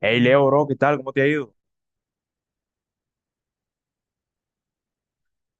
Hey Leo, bro, ¿qué tal? ¿Cómo te ha ido?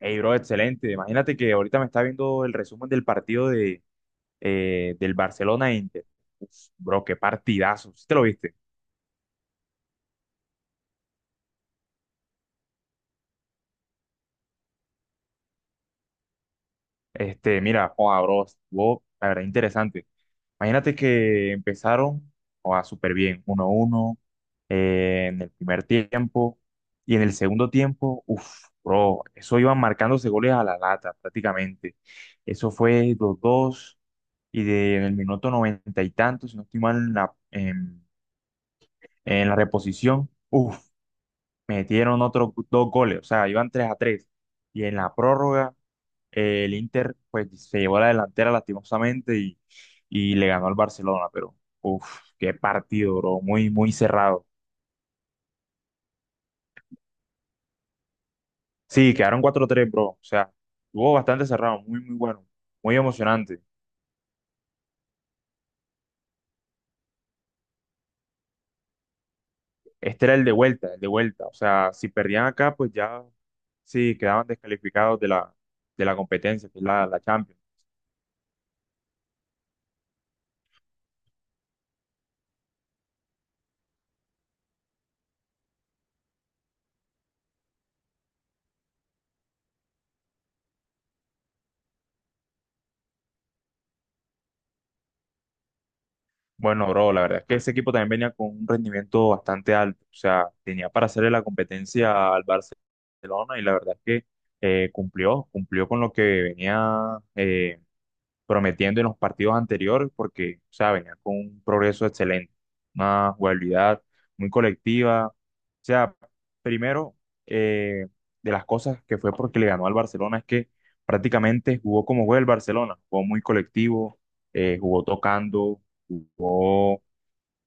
Hey, bro, excelente. Imagínate que ahorita me está viendo el resumen del partido del Barcelona e Inter. Uf, bro, qué partidazo. ¿Sí te lo viste? Este, mira, joda, bro, estuvo, la verdad, interesante. Imagínate que empezaron, joda, súper bien, 1 uno en el primer tiempo. Y en el segundo tiempo, uff, bro, eso iban marcándose goles a la lata prácticamente. Eso fue 2 dos. Y en el minuto noventa y tantos, si no estoy mal, en la reposición, uff, metieron otros dos goles, o sea, iban 3 a tres. Y en la prórroga, el Inter pues se llevó la delantera lastimosamente y le ganó al Barcelona, pero uff, qué partido, bro, muy, muy cerrado. Sí, quedaron 4 tres, bro, o sea, estuvo bastante cerrado, muy, muy bueno, muy emocionante. Este era el de vuelta, el de vuelta. O sea, si perdían acá, pues ya sí quedaban descalificados de la competencia, que es la Champions. Bueno, bro, la verdad es que ese equipo también venía con un rendimiento bastante alto. O sea, tenía para hacerle la competencia al Barcelona, y la verdad es que cumplió con lo que venía prometiendo en los partidos anteriores, porque, o sea, venía con un progreso excelente, una jugabilidad muy colectiva. O sea, primero, eh, de las cosas que fue porque le ganó al Barcelona es que prácticamente jugó como juega el Barcelona, jugó muy colectivo, jugó tocando, jugó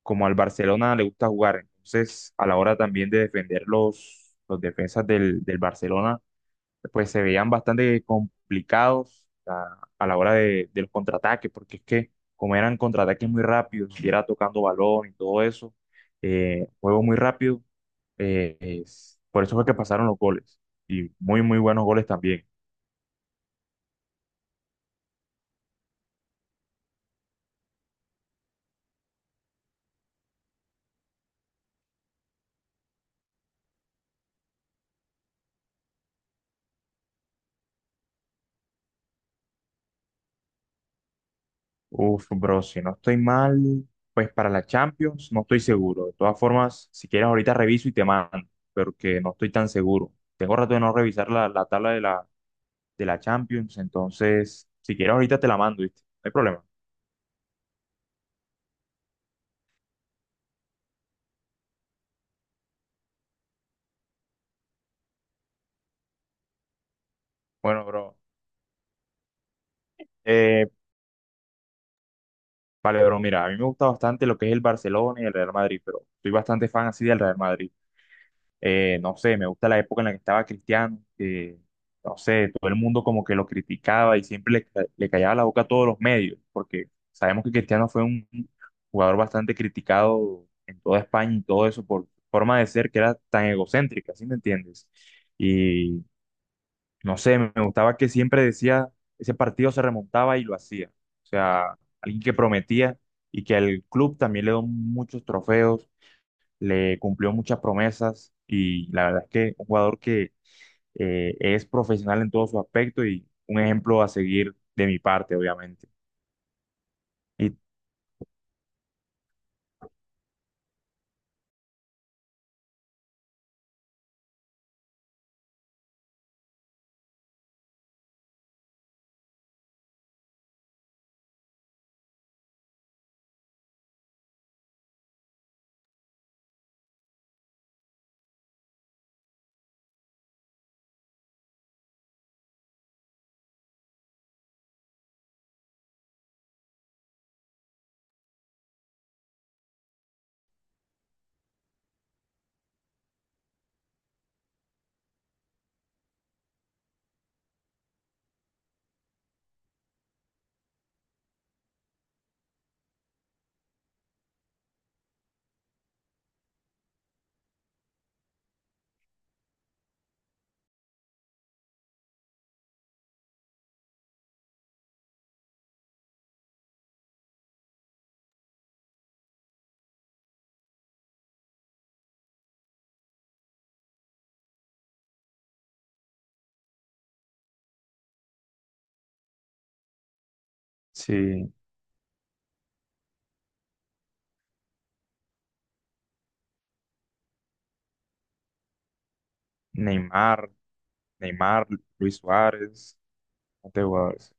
como al Barcelona le gusta jugar. Entonces, a la hora también de defender los defensas del Barcelona, pues se veían bastante complicados a la hora de los contraataques, porque es que como eran contraataques muy rápidos, y era tocando balón y todo eso, juego muy rápido, por eso fue que pasaron los goles. Y muy, muy buenos goles también. Uf, bro, si no estoy mal, pues para la Champions no estoy seguro. De todas formas, si quieres ahorita reviso y te mando, porque no estoy tan seguro. Tengo rato de no revisar la tabla de la Champions, entonces, si quieres ahorita te la mando, ¿viste? No hay problema. Bueno, bro. Eh, vale, bro, mira, a mí me gusta bastante lo que es el Barcelona y el Real Madrid, pero soy bastante fan así del Real Madrid. No sé, me gusta la época en la que estaba Cristiano, que, no sé, todo el mundo como que lo criticaba y siempre le callaba la boca a todos los medios, porque sabemos que Cristiano fue un jugador bastante criticado en toda España y todo eso por su forma de ser que era tan egocéntrica, ¿sí me entiendes? Y no sé, me gustaba que siempre decía, ese partido se remontaba y lo hacía. O sea, alguien que prometía y que al club también le dio muchos trofeos, le cumplió muchas promesas, y la verdad es que un jugador que es profesional en todos sus aspectos y un ejemplo a seguir de mi parte, obviamente. Y sí, Neymar, Neymar, Luis Suárez, este jugadores.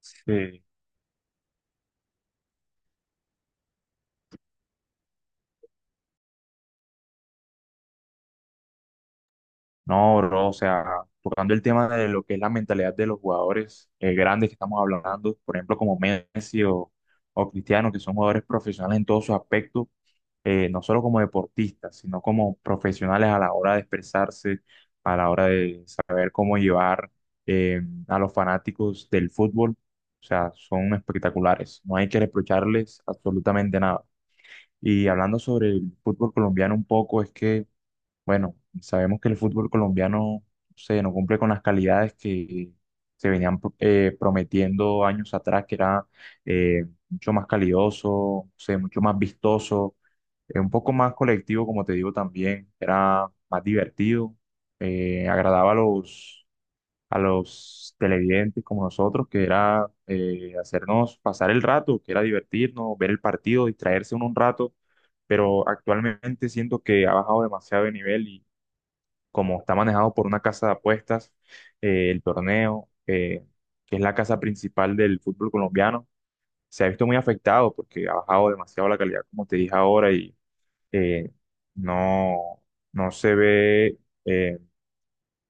Sí. No, bro, o sea, tocando el tema de lo que es la mentalidad de los jugadores grandes que estamos hablando, por ejemplo, como Messi o Cristiano, que son jugadores profesionales en todos sus aspectos, no solo como deportistas, sino como profesionales a la hora de expresarse, a la hora de saber cómo llevar eh, a los fanáticos del fútbol. O sea, son espectaculares, no hay que reprocharles absolutamente nada. Y hablando sobre el fútbol colombiano un poco, es que bueno, sabemos que el fútbol colombiano se no cumple con las calidades que se venían prometiendo años atrás, que era mucho más calidoso, o sea, mucho más vistoso, un poco más colectivo, como te digo también, era más divertido, agradaba a los televidentes como nosotros, que era hacernos pasar el rato, que era divertirnos, ver el partido, distraerse uno un rato. Pero actualmente siento que ha bajado demasiado de nivel, como está manejado por una casa de apuestas, el torneo, que es la casa principal del fútbol colombiano, se ha visto muy afectado porque ha bajado demasiado la calidad, como te dije ahora, y eh, no, no se ve eh,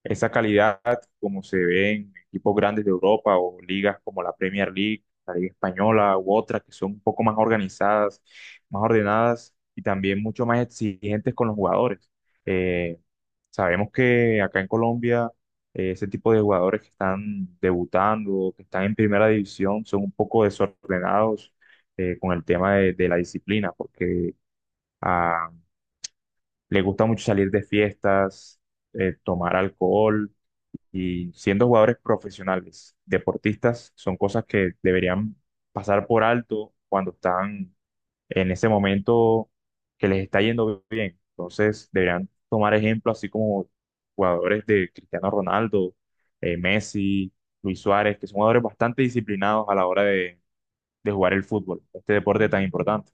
esa calidad como se ve en equipos grandes de Europa o ligas como la Premier League, la Liga Española u otras que son un poco más organizadas, más ordenadas y también mucho más exigentes con los jugadores. Eh, Sabemos que acá en Colombia ese tipo de jugadores que están debutando, que están en primera división, son un poco desordenados con el tema de la disciplina, porque ah, les gusta mucho salir de fiestas, tomar alcohol, y siendo jugadores profesionales, deportistas, son cosas que deberían pasar por alto cuando están en ese momento que les está yendo bien. Entonces, deberían tomar ejemplo, así como jugadores de Cristiano Ronaldo, Messi, Luis Suárez, que son jugadores bastante disciplinados a la hora de jugar el fútbol, este deporte tan importante.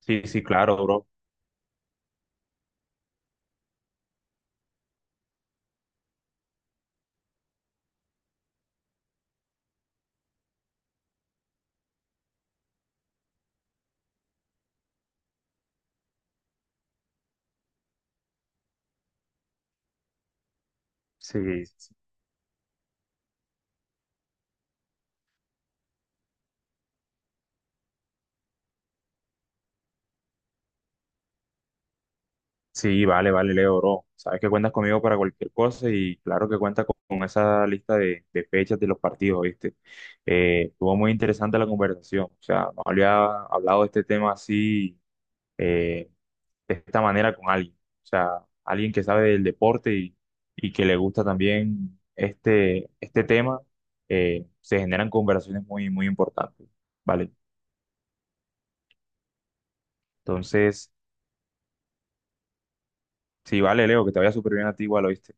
Sí, sí, claro, bro. Sí, sí, vale, vale, Leo, bro. Sabes que cuentas conmigo para cualquier cosa y claro que cuentas con esa lista de fechas de los partidos, ¿viste? Estuvo muy interesante la conversación. O sea, no había hablado de este tema así, eh, de esta manera con alguien. O sea, alguien que sabe del deporte y que le gusta también este tema, se generan conversaciones muy, muy importantes. Vale, entonces, sí, vale, Leo, que te vaya súper bien a ti igual, ¿oíste?